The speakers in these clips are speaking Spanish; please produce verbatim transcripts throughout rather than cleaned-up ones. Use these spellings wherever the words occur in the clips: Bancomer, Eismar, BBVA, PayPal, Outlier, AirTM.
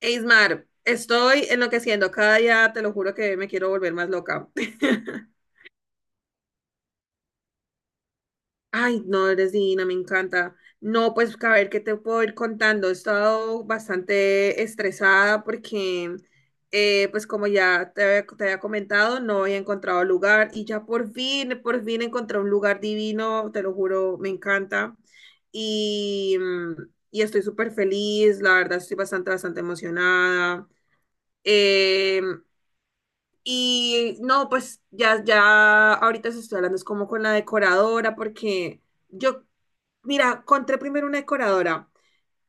Eismar, estoy enloqueciendo cada día, te lo juro que me quiero volver más loca. Ay, no, eres divina, me encanta. No, pues a ver qué te puedo ir contando. He estado bastante estresada porque, eh, pues como ya te, había- te había comentado, no había encontrado lugar y ya por fin, por fin encontré un lugar divino, te lo juro, me encanta. Y, mm, y estoy súper feliz, la verdad estoy bastante, bastante emocionada. Em, Y no, pues ya, ya ahorita se estoy hablando, es como con la decoradora, porque yo, mira, encontré primero una decoradora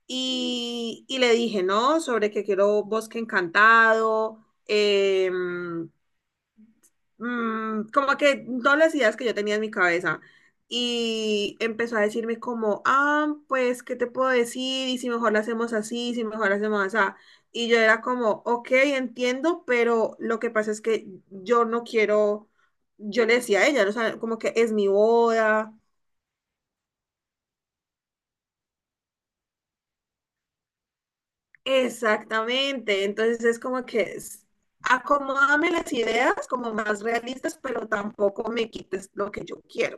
y, y le dije, ¿no? Sobre que quiero bosque encantado, em, mm, como que todas las ideas que yo tenía en mi cabeza. Y empezó a decirme como, ah, pues, ¿qué te puedo decir? Y si mejor lo hacemos así, si mejor lo hacemos así. Y yo era como, ok, entiendo, pero lo que pasa es que yo no quiero, yo le decía a ella, ¿no? O sea, como que es mi boda. Exactamente. Entonces es como que es- acomódame las ideas como más realistas, pero tampoco me quites lo que yo quiero.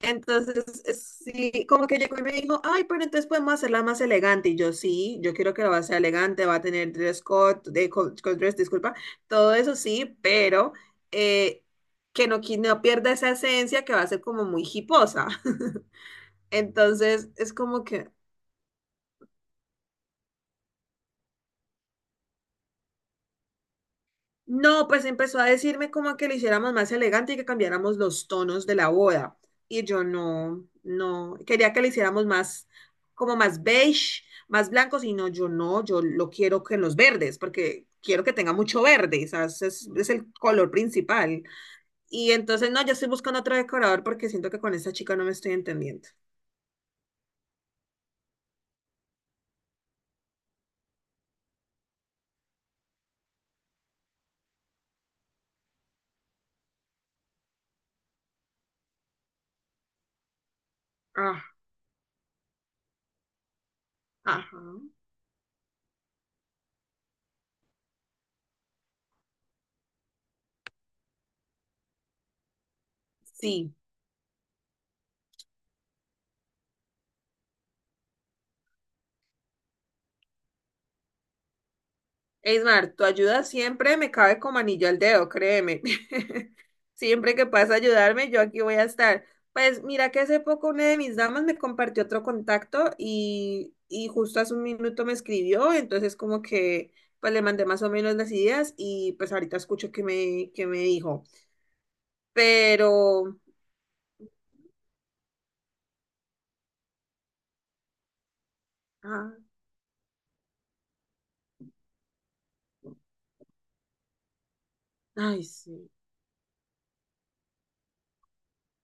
Entonces, sí, como que llegó y me dijo, ay, pero entonces podemos hacerla más elegante. Y yo, sí, yo quiero que la va a ser elegante, va a tener dress code, de, co- co- dress, disculpa, todo eso sí, pero eh, que no, qui- no pierda esa esencia que va a ser como muy hiposa. Entonces, es como que, no, pues empezó a decirme como que lo hiciéramos más elegante y que cambiáramos los tonos de la boda. Y yo no, no, quería que lo hiciéramos más, como más beige, más blancos, y no, yo no, yo lo quiero que en los verdes, porque quiero que tenga mucho verde, o sea, ese es, es el color principal. Y entonces, no, yo estoy buscando otro decorador porque siento que con esta chica no me estoy entendiendo. Ah, ajá. Sí. Eismar, tu ayuda siempre me cabe como anillo al dedo, créeme. Siempre que puedas ayudarme, yo aquí voy a estar. Pues mira que hace poco una de mis damas me compartió otro contacto y, y justo hace un minuto me escribió, entonces como que pues le mandé más o menos las ideas y pues ahorita escucho que me, que me dijo. Pero, ah, ay, sí,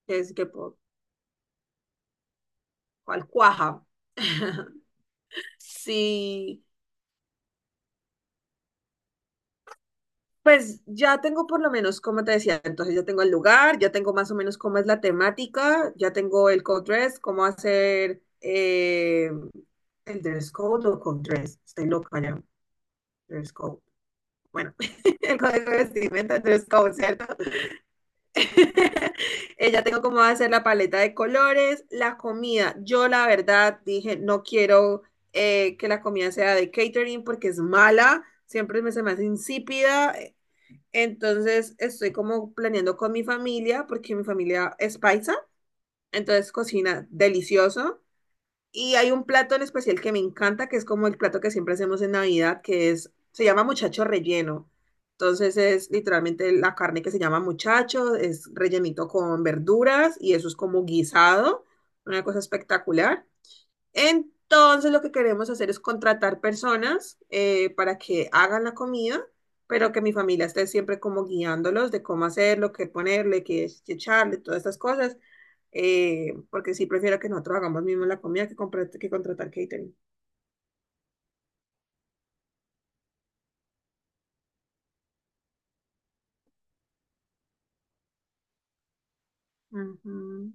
es que por, cuál cuaja. Sí. Pues ya tengo por lo menos, como te decía, entonces ya tengo el lugar, ya tengo más o menos cómo es la temática, ya tengo el code dress, cómo hacer eh, el dress code o code dress. Estoy loca ya, dress code. Bueno, el código de vestimenta, el dress code, ¿cierto? Eh, ya tengo cómo hacer la paleta de colores, la comida. Yo la verdad dije, no quiero eh, que la comida sea de catering porque es mala, siempre me, se me hace insípida. eh, entonces estoy como planeando con mi familia, porque mi familia es paisa, entonces cocina delicioso. Y hay un plato en especial que me encanta, que es como el plato que siempre hacemos en Navidad, que es, se llama muchacho relleno. Entonces es literalmente la carne que se llama muchacho, es rellenito con verduras y eso es como guisado, una cosa espectacular. Entonces lo que queremos hacer es contratar personas eh, para que hagan la comida, pero que mi familia esté siempre como guiándolos de cómo hacerlo, qué ponerle, qué, qué echarle, todas estas cosas, eh, porque sí prefiero que nosotros hagamos mismo la comida que, compre- que contratar catering. Ujú.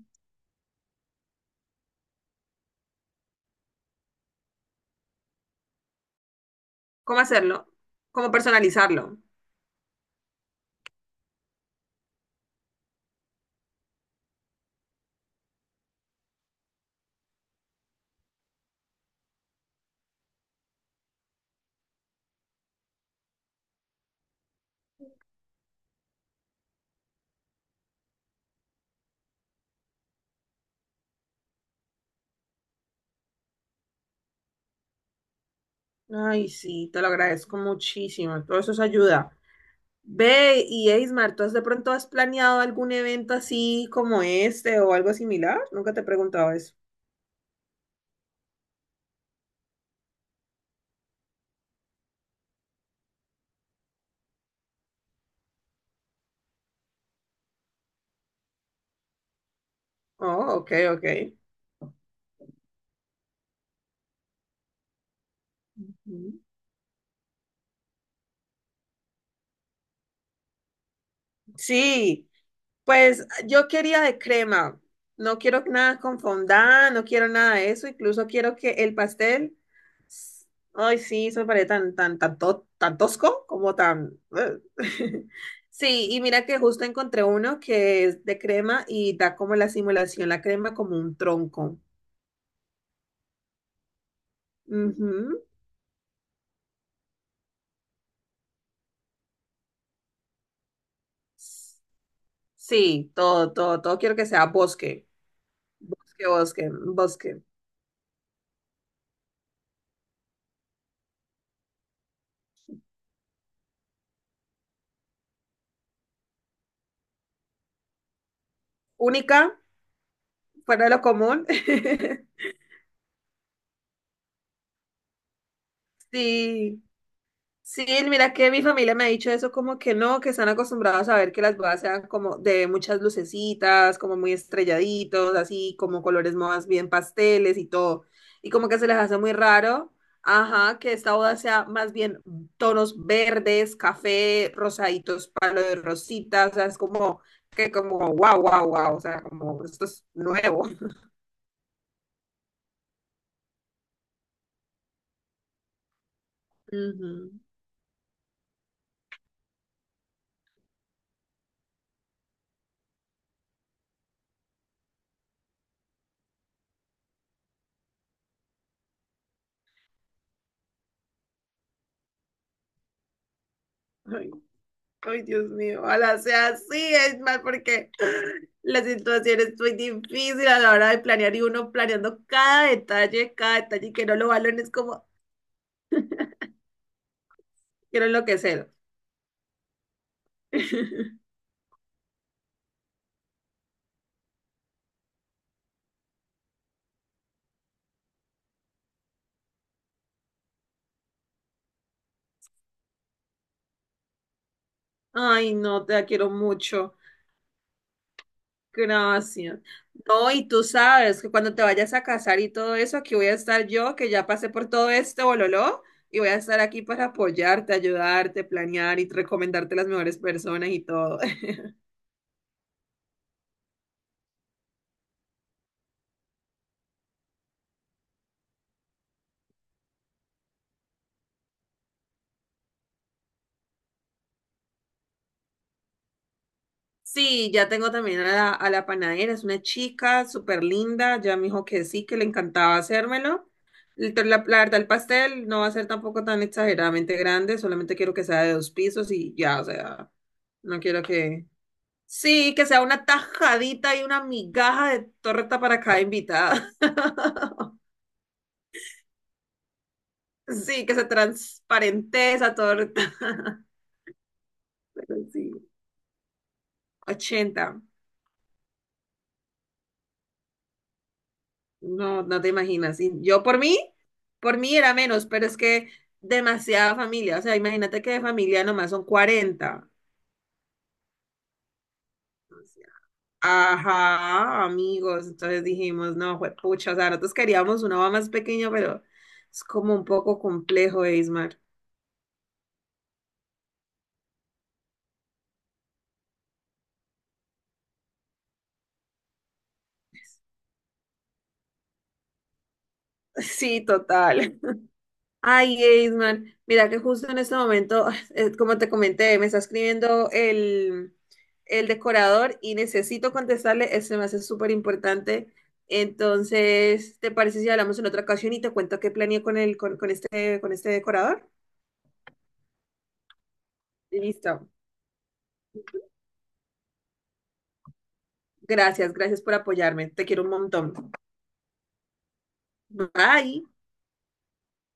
¿Cómo hacerlo? ¿Cómo personalizarlo? Ay, sí, te lo agradezco muchísimo. Todo eso es ayuda. Ve, y Eismar, ¿tú has de pronto has planeado algún evento así como este o algo similar? Nunca te he preguntado eso. Oh, ok, ok. Ujú. Sí, pues yo quería de crema. No quiero nada con fondant, no quiero nada de eso. Incluso quiero que el pastel, s- ay, sí, eso me parece tan, tan, tan, to- tan tosco como tan... Sí, y mira que justo encontré uno que es de crema y da como la simulación, la crema como un tronco. Ujú. Sí, todo, todo, todo quiero que sea bosque, bosque, bosque, bosque. Única, fuera de lo común. Sí, sí, mira que mi familia me ha dicho eso como que no, que están acostumbrados a ver que las bodas sean como de muchas lucecitas, como muy estrelladitos, así como colores más bien pasteles y todo. Y como que se les hace muy raro, ajá, que esta boda sea más bien tonos verdes, café, rosaditos, palo de rosita, o sea, es como que como wow, wow, wow, o sea, como esto es nuevo. Ujú. Ay, Dios mío, ojalá sea así, es mal porque la situación es muy difícil a la hora de planear y uno planeando cada detalle, cada detalle y que no lo valoren es como quiero enloquecer. Ay, no, te la quiero mucho. Gracias. No, y tú sabes que cuando te vayas a casar y todo eso, aquí voy a estar yo, que ya pasé por todo este bololó, y voy a estar aquí para apoyarte, ayudarte, planear y recomendarte las mejores personas y todo. Sí, ya tengo también a la, a la panadera, es una chica súper linda, ya me dijo que sí, que le encantaba hacérmelo. El- La, la verdad, el pastel no va a ser tampoco tan exageradamente grande, solamente quiero que sea de dos pisos y ya, o sea, no quiero que... Sí, que sea una tajadita y una migaja de torta para cada invitada. Sí, que sea transparente esa torta. Pero sí, ochenta. No, no te imaginas. Y yo por mí, por mí era menos, pero es que demasiada familia. O sea, imagínate que de familia nomás son cuarenta. O sea, ajá, amigos. Entonces dijimos, no, pucha, o sea, nosotros queríamos una mamá más pequeña, pero es como un poco complejo, Ismar. Sí, total. Ay, Eisman, mira que justo en este momento, eh, como te comenté, me está escribiendo el, el decorador y necesito contestarle, este me hace súper importante. Entonces, ¿te parece si hablamos en otra ocasión y te cuento qué planeé con el, con, con este, con este decorador? Listo. Gracias, gracias por apoyarme. Te quiero un montón. Bye.